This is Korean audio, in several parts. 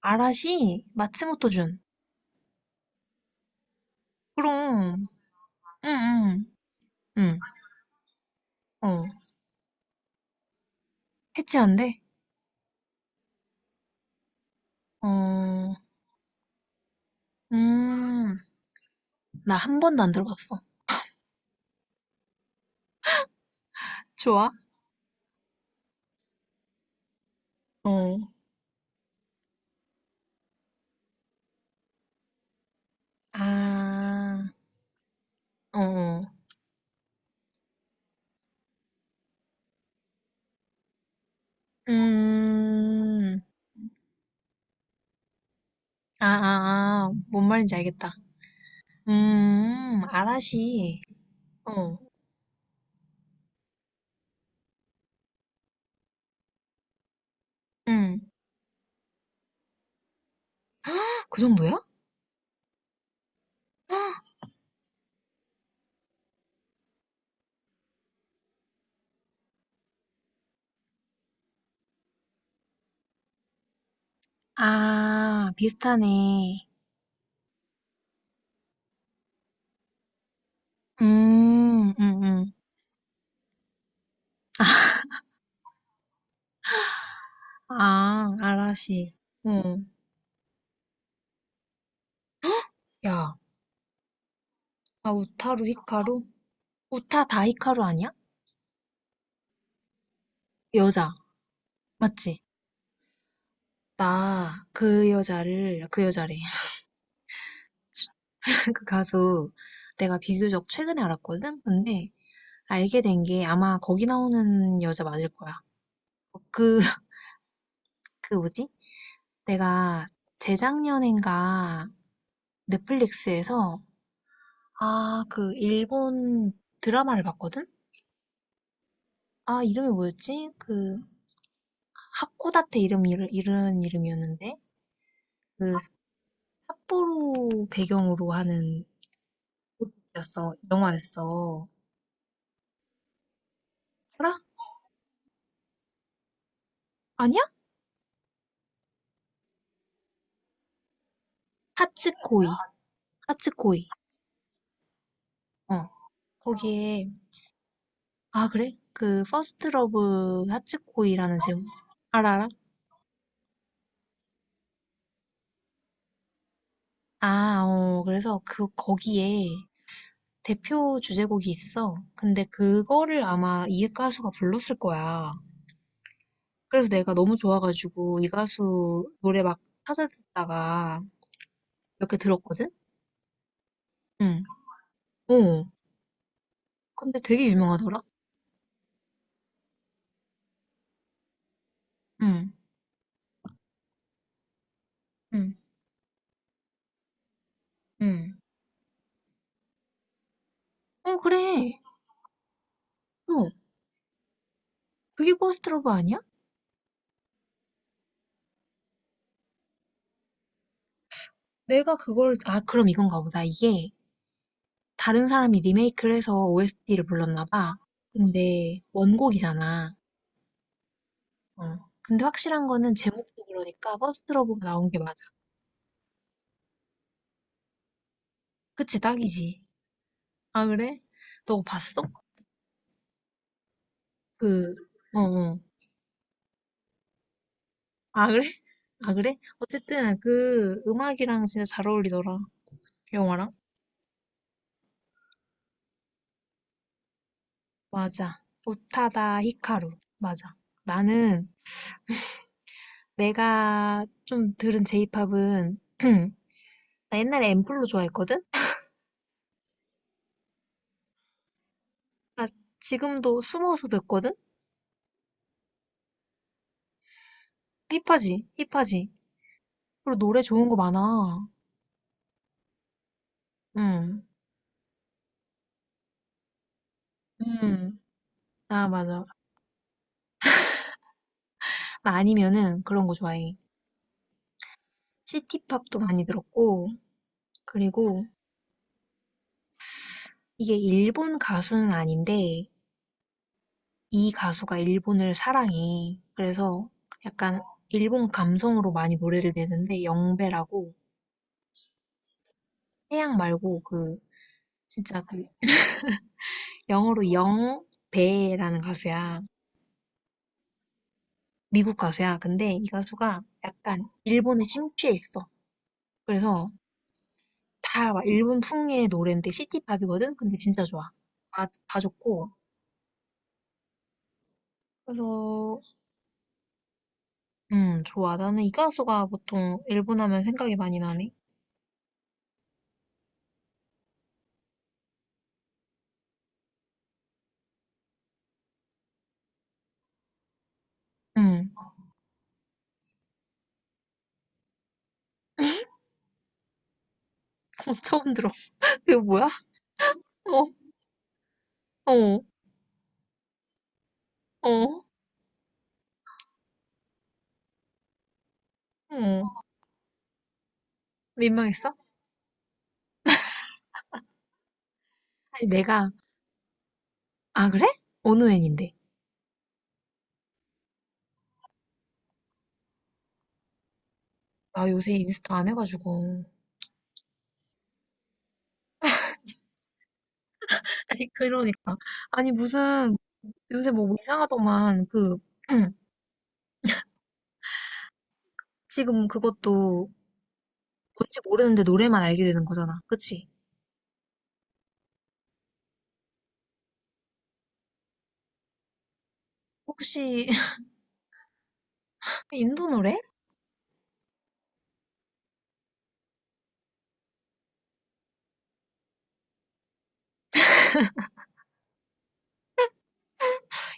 아라시 마츠모토준. 그럼. 응, 응, 응. 어. 해체한대? 어, 음. 나 한 번도 안 들어봤어. 좋아? 어. 아, 어, 어. 음. 아, 아, 아. 뭔 말인지 알겠다. 아라시. 어, 응. 헉, 그 정도야? 헉, 아, 비슷하네. 음, 음, 음. 아, 아라시. 응. 야, 아, 우타루 히카루? 우타 다 히카루 아니야? 여자. 맞지? 나 그 여자를, 그 여자래. 그 가수 내가 비교적 최근에 알았거든? 근데 알게 된 게 아마 거기 나오는 여자 맞을 거야. 어, 그, 그 뭐지? 내가 재작년인가 넷플릭스에서 아, 그 일본 드라마를 봤거든? 아, 이름이 뭐였지? 그 하코다테 이름, 이런 이름이었는데? 그 삿포로 배경으로 하는 였어. 영화였어. 알아? 아니야? 하츠코이. 하츠코이. 어. 어. 거기에 아 그래? 그 퍼스트 러브 하츠코이라는 제목 알아? 아, 어. 그래서 그 거기에 대표 주제곡이 있어. 근데 그거를 아마 이 가수가 불렀을 거야. 그래서 내가 너무 좋아가지고 이 가수 노래 막 찾아 듣다가 몇 개 들었거든? 응. 어. 근데 되게 유명하더라? 응. 응. 응. 어, 그래. 어. 그게 버스트 러브 아니야? 내가 그걸, 아, 그럼 이건가 보다. 이게 다른 사람이 리메이크를 해서 OST를 불렀나 봐. 근데 원곡이잖아. 어. 근데 확실한 거는 제목도 그러니까 버스트 러브가 나온 게 맞아. 그치, 딱이지. 아, 그래? 너 봤어? 그, 어, 어. 아, 그래? 아, 그래? 어쨌든 그 음악이랑 진짜 잘 어울리더라. 영화랑. 맞아. 오타다 히카루. 맞아. 나는 내가 좀 들은 제이팝은 나 옛날에 앰플로 좋아했거든? 나 지금도 숨어서 듣거든? 힙하지? 힙하지? 그리고 노래 좋은 거 많아. 응. 응. 아, 맞아. 나 아니면은 그런 거 좋아해. 시티팝도 많이 들었고, 그리고 이게 일본 가수는 아닌데, 이 가수가 일본을 사랑해. 그래서 약간 일본 감성으로 많이 노래를 내는데, 영배라고, 태양 말고 그, 진짜 그, 영어로 영배라는 가수야. 미국 가수야. 근데 이 가수가 약간 일본에 심취해 있어. 그래서 다 막 일본풍의 노래인데 시티팝이거든? 근데 진짜 좋아. 다 좋고. 그래서, 좋아. 나는 이 가수가 보통 일본 하면 생각이 많이 나네. 음, 처음 들어. 그거 뭐야? 어, 어, 어, 어. 민망했어? 아니, 내가, 아, 그래? 어느 애인데? 나 요새 인스타 안 해가지고. 아니, 그러니까. 아니, 무슨, 요새 뭐 이상하더만, 그, 지금 그것도 뭔지 모르는데 노래만 알게 되는 거잖아. 그치? 혹시 인도 노래?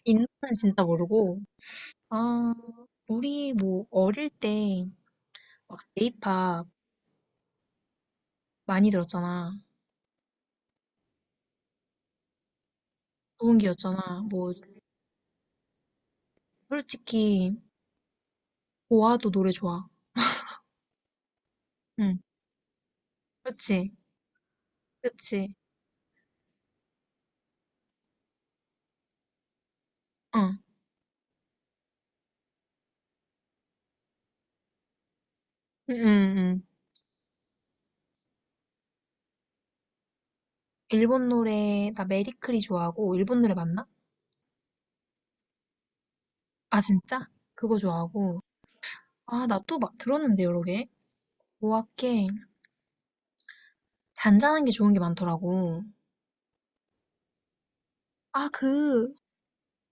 인도는 진짜 모르고. 아, 우리 뭐 어릴 때 막 J-pop 많이 들었잖아. 노은기였잖아. 뭐 솔직히 보아도 노래 좋아. 응. 그치? 그치? 응. 응, 응, 응. 일본 노래 나 메리크리 좋아하고 일본 노래 맞나? 아 진짜? 그거 좋아하고. 아, 나 또 막 들었는데 여러 개. 보아께 잔잔한 게 좋은 게 많더라고. 아, 그,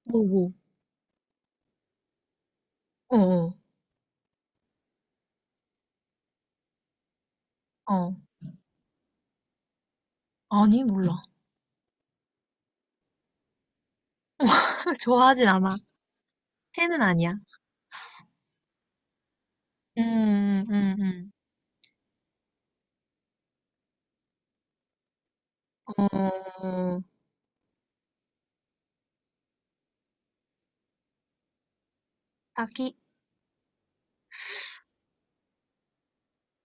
뭐, 뭐. 어, 어. 어, 아니, 몰라. 좋아하진 않아. 팬은 아니야. 음, 음, 음. 어, 다키,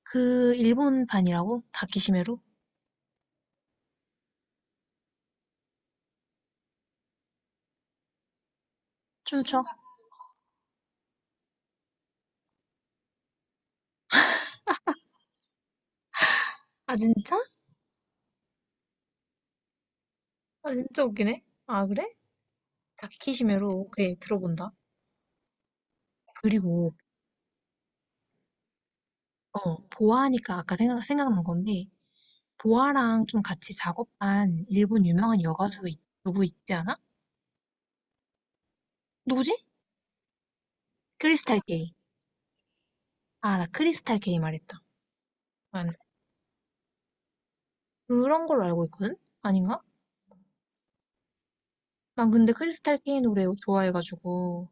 그, 일본판이라고? 다키시메로? 춤춰? 아, 진짜? 아, 진짜 웃기네. 아, 그래? 다키시메로. 오케이, 들어본다. 그리고, 어, 보아하니까 아까 생각난 건데, 보아랑 좀 같이 작업한 일본 유명한 여가수 누구 있지 않아? 누구지? 크리스탈 게이. 아, 나 크리스탈 게이 말했다. 그런 걸로 알고 있거든? 아닌가? 난 근데 크리스탈 케이 노래 좋아해가지고.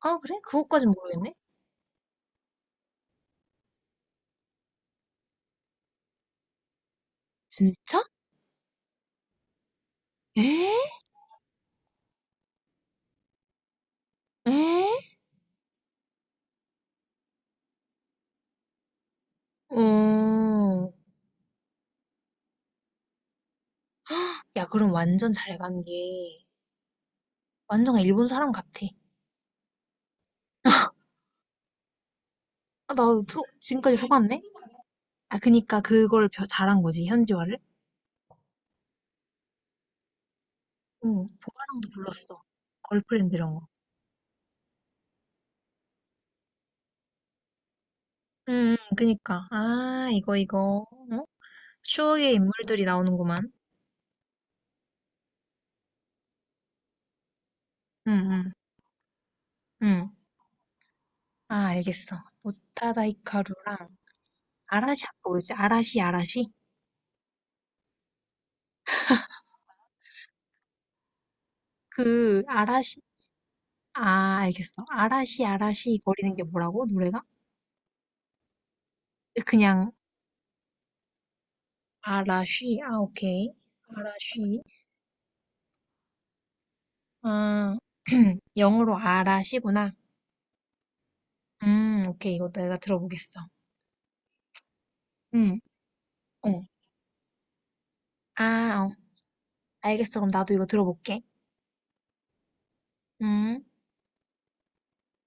아, 그래? 그것까진 모르겠네? 진짜? 에? 에? 어, 야, 그럼 완전 잘 간 게, 완전 일본 사람 같아. 아, 나 지금까지 속았네? 아, 그니까 그걸 잘한 거지, 현지화를? 응, 보아랑도 불렀어. 걸프렌드 이런 거. 응, 응, 그니까. 아, 이거. 어? 추억의 인물들이 나오는구만. 응, 응, 응. 아, 알겠어. 오타다 히카루랑, 아라시 아까 뭐였지? 아라시 아라시? 그 아라시 아 알겠어. 아라시 아라시 거리는 게 뭐라고? 노래가? 그냥 아라시 아 오케이. 아라시 아 영어로 아라시구나. 오케이 이거 내가 들어보겠어. 음 어. 아 어. 알겠어. 그럼 나도 이거 들어볼게. 음.